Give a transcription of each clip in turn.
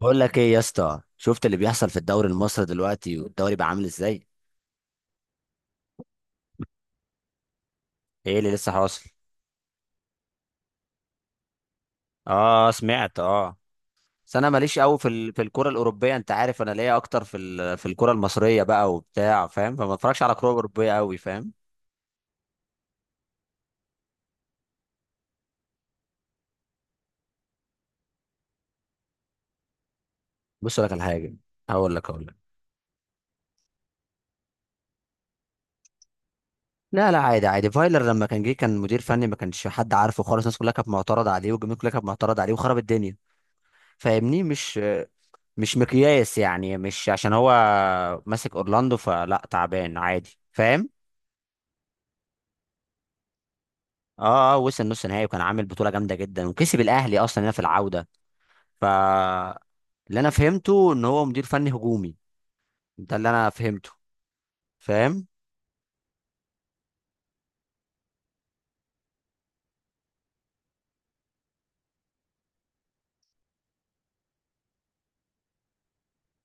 بقول لك ايه يا اسطى؟ شفت اللي بيحصل في الدوري المصري دلوقتي والدوري بقى عامل ازاي؟ ايه اللي لسه حاصل؟ اه، سمعت، اه. بس انا ماليش قوي في الكره الاوروبيه. انت عارف انا ليا اكتر في الكره المصريه بقى وبتاع، فاهم؟ فما اتفرجش على كره اوروبيه قوي، فاهم؟ بص لك على حاجه. هقول لك. لا، لا، عادي عادي. فايلر لما كان جه كان مدير فني ما كانش حد عارفه خالص. الناس كلها كانت معترضه عليه والجمهور كلها كانت معترضه عليه وخرب الدنيا. فاهمني؟ مش مقياس يعني. مش عشان هو ماسك اورلاندو فلا تعبان عادي، فاهم؟ اه، اه، وصل نص نهائي وكان عامل بطوله جامده جدا وكسب الاهلي اصلا هنا في العوده. ف اللي انا فهمته ان هو مدير فني هجومي. ده اللي انا فهمته، فاهم؟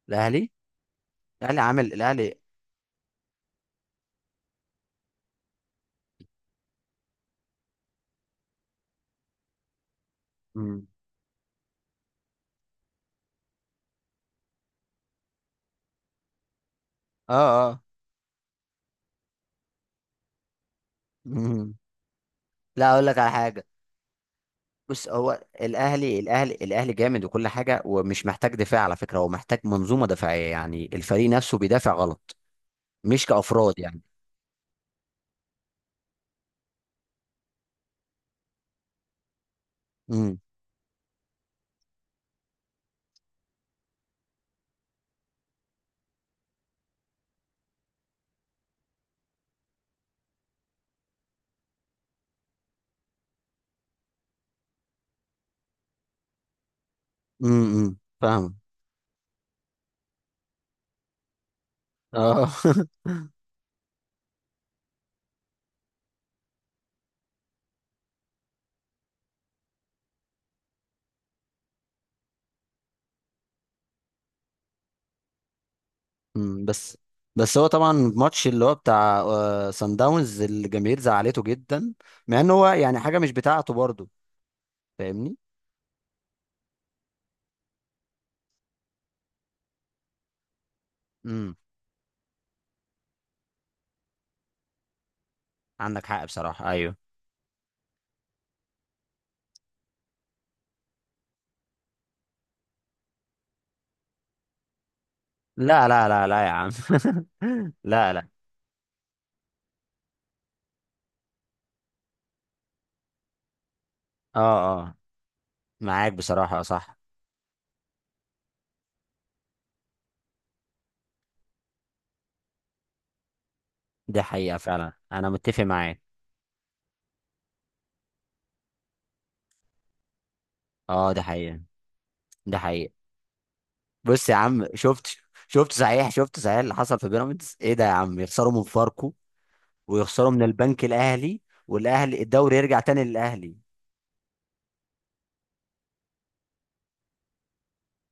الاهلي الاهلي عامل الاهلي. مم. اه، اه. مم. لا، اقول لك على حاجه. بص، هو الاهلي جامد وكل حاجه، ومش محتاج دفاع على فكره. هو محتاج منظومه دفاعيه، يعني الفريق نفسه بيدافع غلط، مش كافراد يعني. امم فاهم. اه. مم، بس بس هو طبعا الماتش اللي هو بتاع سان داونز، الجماهير زعلته جدا، مع ان هو يعني حاجه مش بتاعته برضه، فاهمني؟ امم عندك حق بصراحه، ايوه. لا، لا، لا، لا يا عم. لا، لا. اه، اه، معاك بصراحه، صح. دي حقيقه فعلا، انا متفق معاك. اه، دي حقيقه. دي حقيقه. بص يا عم، شفت؟ شفت صحيح، شفت صحيح اللي حصل في بيراميدز؟ ايه ده يا عم؟ يخسروا من فاركو ويخسروا من البنك الاهلي والاهلي الدوري يرجع تاني للاهلي.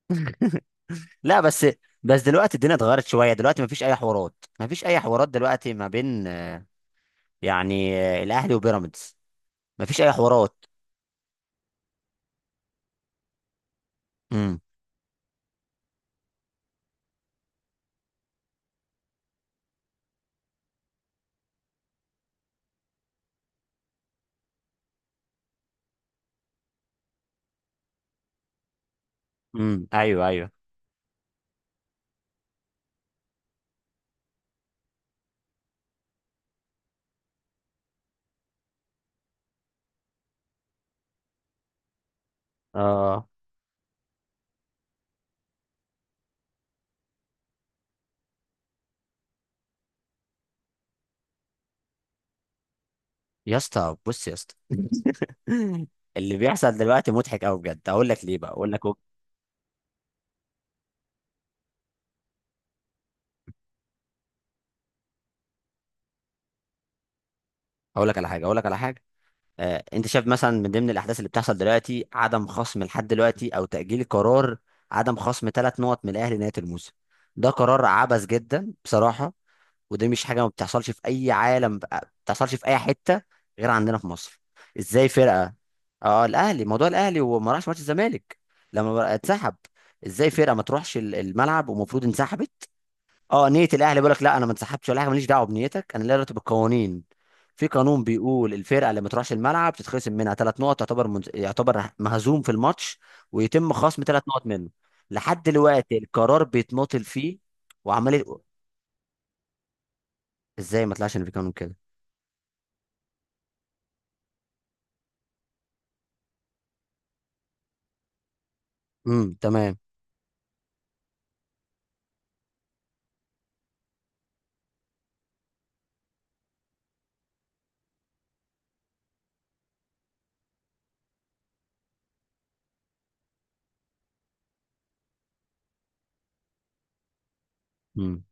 لا، بس. بس دلوقتي الدنيا اتغيرت شويه. دلوقتي مفيش اي حوارات، مفيش اي حوارات دلوقتي ما بين، يعني الاهلي وبيراميدز. مفيش اي حوارات. امم ايوه، ايوه. اه يا اسطى، بص يا اسطى. اللي بيحصل دلوقتي مضحك قوي بجد. اقول لك ليه بقى؟ اقول لك. اقول لك على حاجه، اقول لك على حاجه. انت شايف مثلا، من ضمن الاحداث اللي بتحصل دلوقتي عدم خصم لحد دلوقتي او تاجيل قرار عدم خصم ثلاث نقط من الاهلي نهايه الموسم. ده قرار عبث جدا بصراحه. ودي مش حاجه ما بتحصلش في اي عالم بقى- ما بتحصلش في اي حته غير عندنا في مصر. ازاي فرقه- اه، الاهلي، موضوع الاهلي وما راحش ماتش الزمالك لما بقى اتسحب. ازاي فرقه ما تروحش الملعب ومفروض انسحبت؟ اه، نيه الاهلي بيقول لك لا انا ما انسحبتش ولا حاجه، ماليش دعوه بنيتك، انا ليا دعوه بالقوانين. في قانون بيقول الفرقه اللي ما تروحش الملعب تتخصم منها ثلاث نقط، يعتبر مهزوم في الماتش ويتم خصم ثلاث نقط منه. لحد دلوقتي القرار بيتناطل فيه وعمال يقول- ازاي ما طلعش ان في قانون كده؟ تمام. امم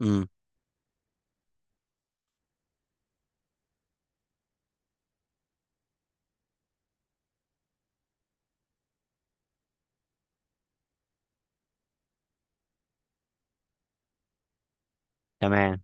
امم تمام.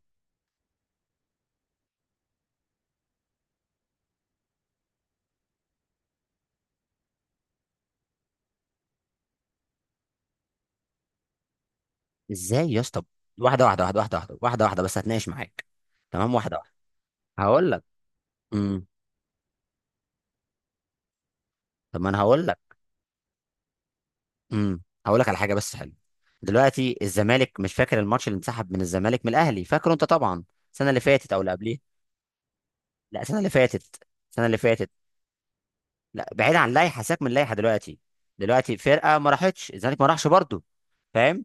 ازاي يا اسطى؟ واحده واحده واحده واحده واحده واحده واحده، بس هتناقش معاك. تمام، واحده واحده. هقول لك. امم. طب، ما انا هقول لك. هقول لك على حاجه بس حلوه. دلوقتي الزمالك، مش فاكر الماتش اللي انسحب من الزمالك من الاهلي؟ فاكره انت طبعا، السنه اللي فاتت او اللي قبليها. لا، السنه اللي فاتت، السنه اللي فاتت. لا، بعيد عن اللائحه، سيبك من اللائحه دلوقتي. دلوقتي فرقه ما راحتش، الزمالك ما راحش برضه، فاهم؟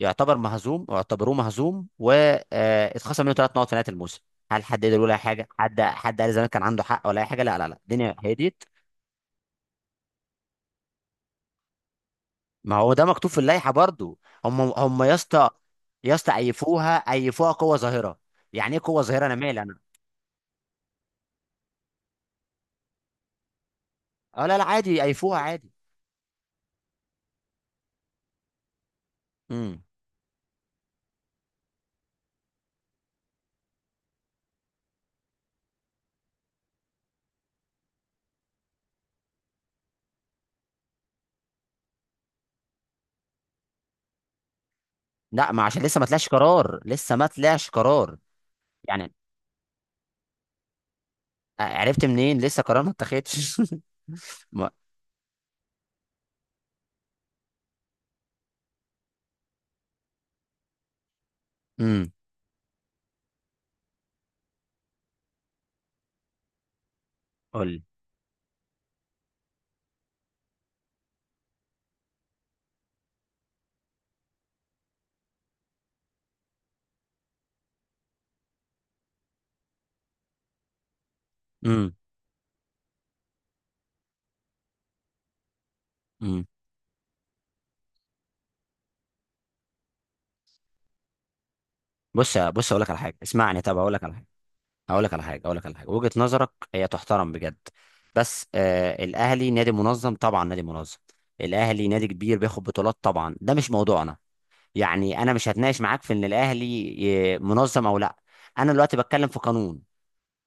يعتبر مهزوم واعتبروه مهزوم واتخصم منه ثلاث نقط في نهايه الموسم. هل حد قدر يقول اي حاجه؟ حد قال زمان كان عنده حق ولا اي حاجه؟ لا، لا، لا، الدنيا هديت. ما هو ده مكتوب في اللائحه برضو. هم، هم يا اسطى. يا اسطى، ايفوها، ايفوها، قوه ظاهره. يعني ايه قوه ظاهره؟ انا مالي انا. اه، لا، لا، عادي. ايفوها عادي. امم لا، ما عشان لسه ما طلعش قرار، لسه ما طلعش قرار. يعني عرفت منين لسه قرار ما اتخذش؟ ما-. امم قول لي. امم امم بص اقول لك على حاجه، اسمعني. طب اقول لك على حاجه. هقول لك على حاجه، هقول لك على حاجه. وجهه نظرك هي تحترم بجد. بس الاهلي نادي منظم طبعا، نادي منظم. الاهلي نادي كبير بياخد بطولات طبعا، ده مش موضوعنا. يعني انا مش هتناقش معاك في ان الاهلي منظم او لا. انا دلوقتي بتكلم في قانون.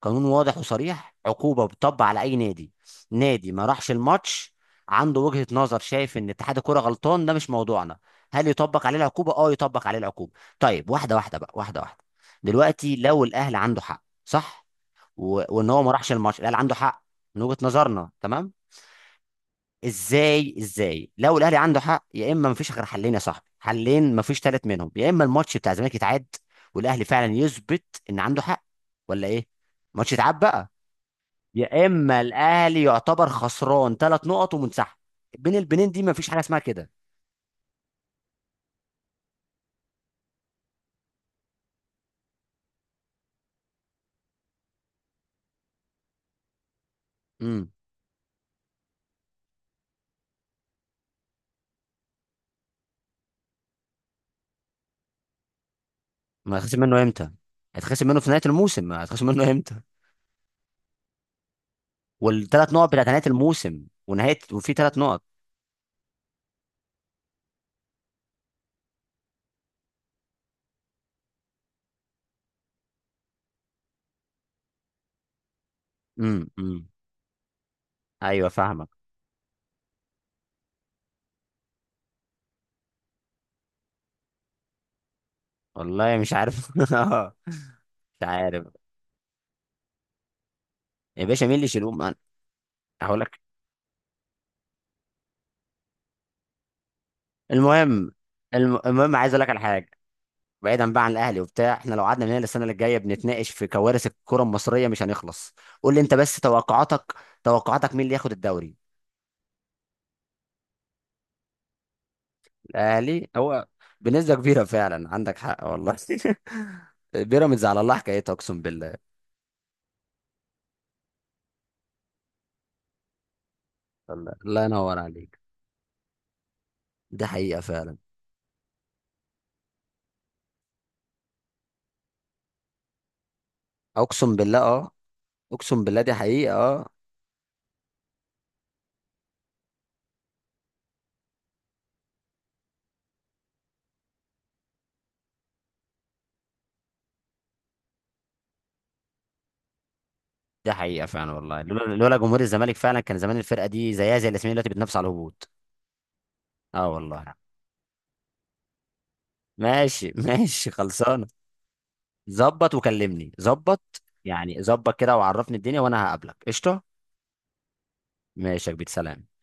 قانون واضح وصريح، عقوبه بتطبق على اي نادي. نادي ما راحش الماتش عنده وجهه نظر، شايف ان اتحاد الكوره غلطان، ده مش موضوعنا. هل يطبق عليه العقوبه؟ اه، يطبق عليه العقوبه. طيب واحده واحده بقى، واحده واحده. دلوقتي لو الاهلي عنده حق، صح؟ وان هو ما راحش الماتش، الاهلي عنده حق، من وجهة نظرنا، تمام. ازاي لو الاهلي عنده حق، يا اما مفيش غير حلين يا صاحبي، حلين مفيش ثالث منهم. يا اما الماتش بتاع الزمالك يتعاد والاهلي فعلا يثبت ان عنده حق، ولا ايه؟ ماتش يتعاد بقى. يا اما الاهلي يعتبر خسران ثلاث نقط ومنسحب. بين البنين دي مفيش حاجه اسمها كده. امم ما هيتخصم منه امتى؟ هيتخصم منه في نهايه الموسم، هيتخصم منه امتى؟ والثلاث نقط بتاعت نهايه الموسم، ونهايه، وفي ثلاث نقط. امم امم ايوه، فاهمك. والله مش عارف. اه، مش عارف. يا باشا مين اللي يشيلهم؟ انا هقول لك، المهم، المهم عايز اقول لك على حاجه. بعيدا بقى عن الاهلي وبتاع، احنا لو قعدنا من هنا السنه اللي جايه بنتناقش في كوارث الكره المصريه مش هنخلص. قول لي انت بس توقعاتك، توقعاتك مين اللي ياخد الدوري؟ الاهلي هو، بنسبه كبيره فعلا، عندك حق والله. بيراميدز على الله حكايتها، اقسم بالله. الله الله ينور عليك. دي حقيقه فعلا. اقسم بالله، اه. اقسم بالله دي حقيقه، اه. ده حقيقة فعلا والله. لولا جمهور الزمالك فعلا كان زمان الفرقة دي زيها زي الاسماعيلي دلوقتي بتنافس على الهبوط. اه، والله. ماشي. ماشي، خلصانة. ظبط وكلمني، ظبط يعني، ظبط كده وعرفني الدنيا وانا هقابلك قشطة. ماشي يا كبير، سلام.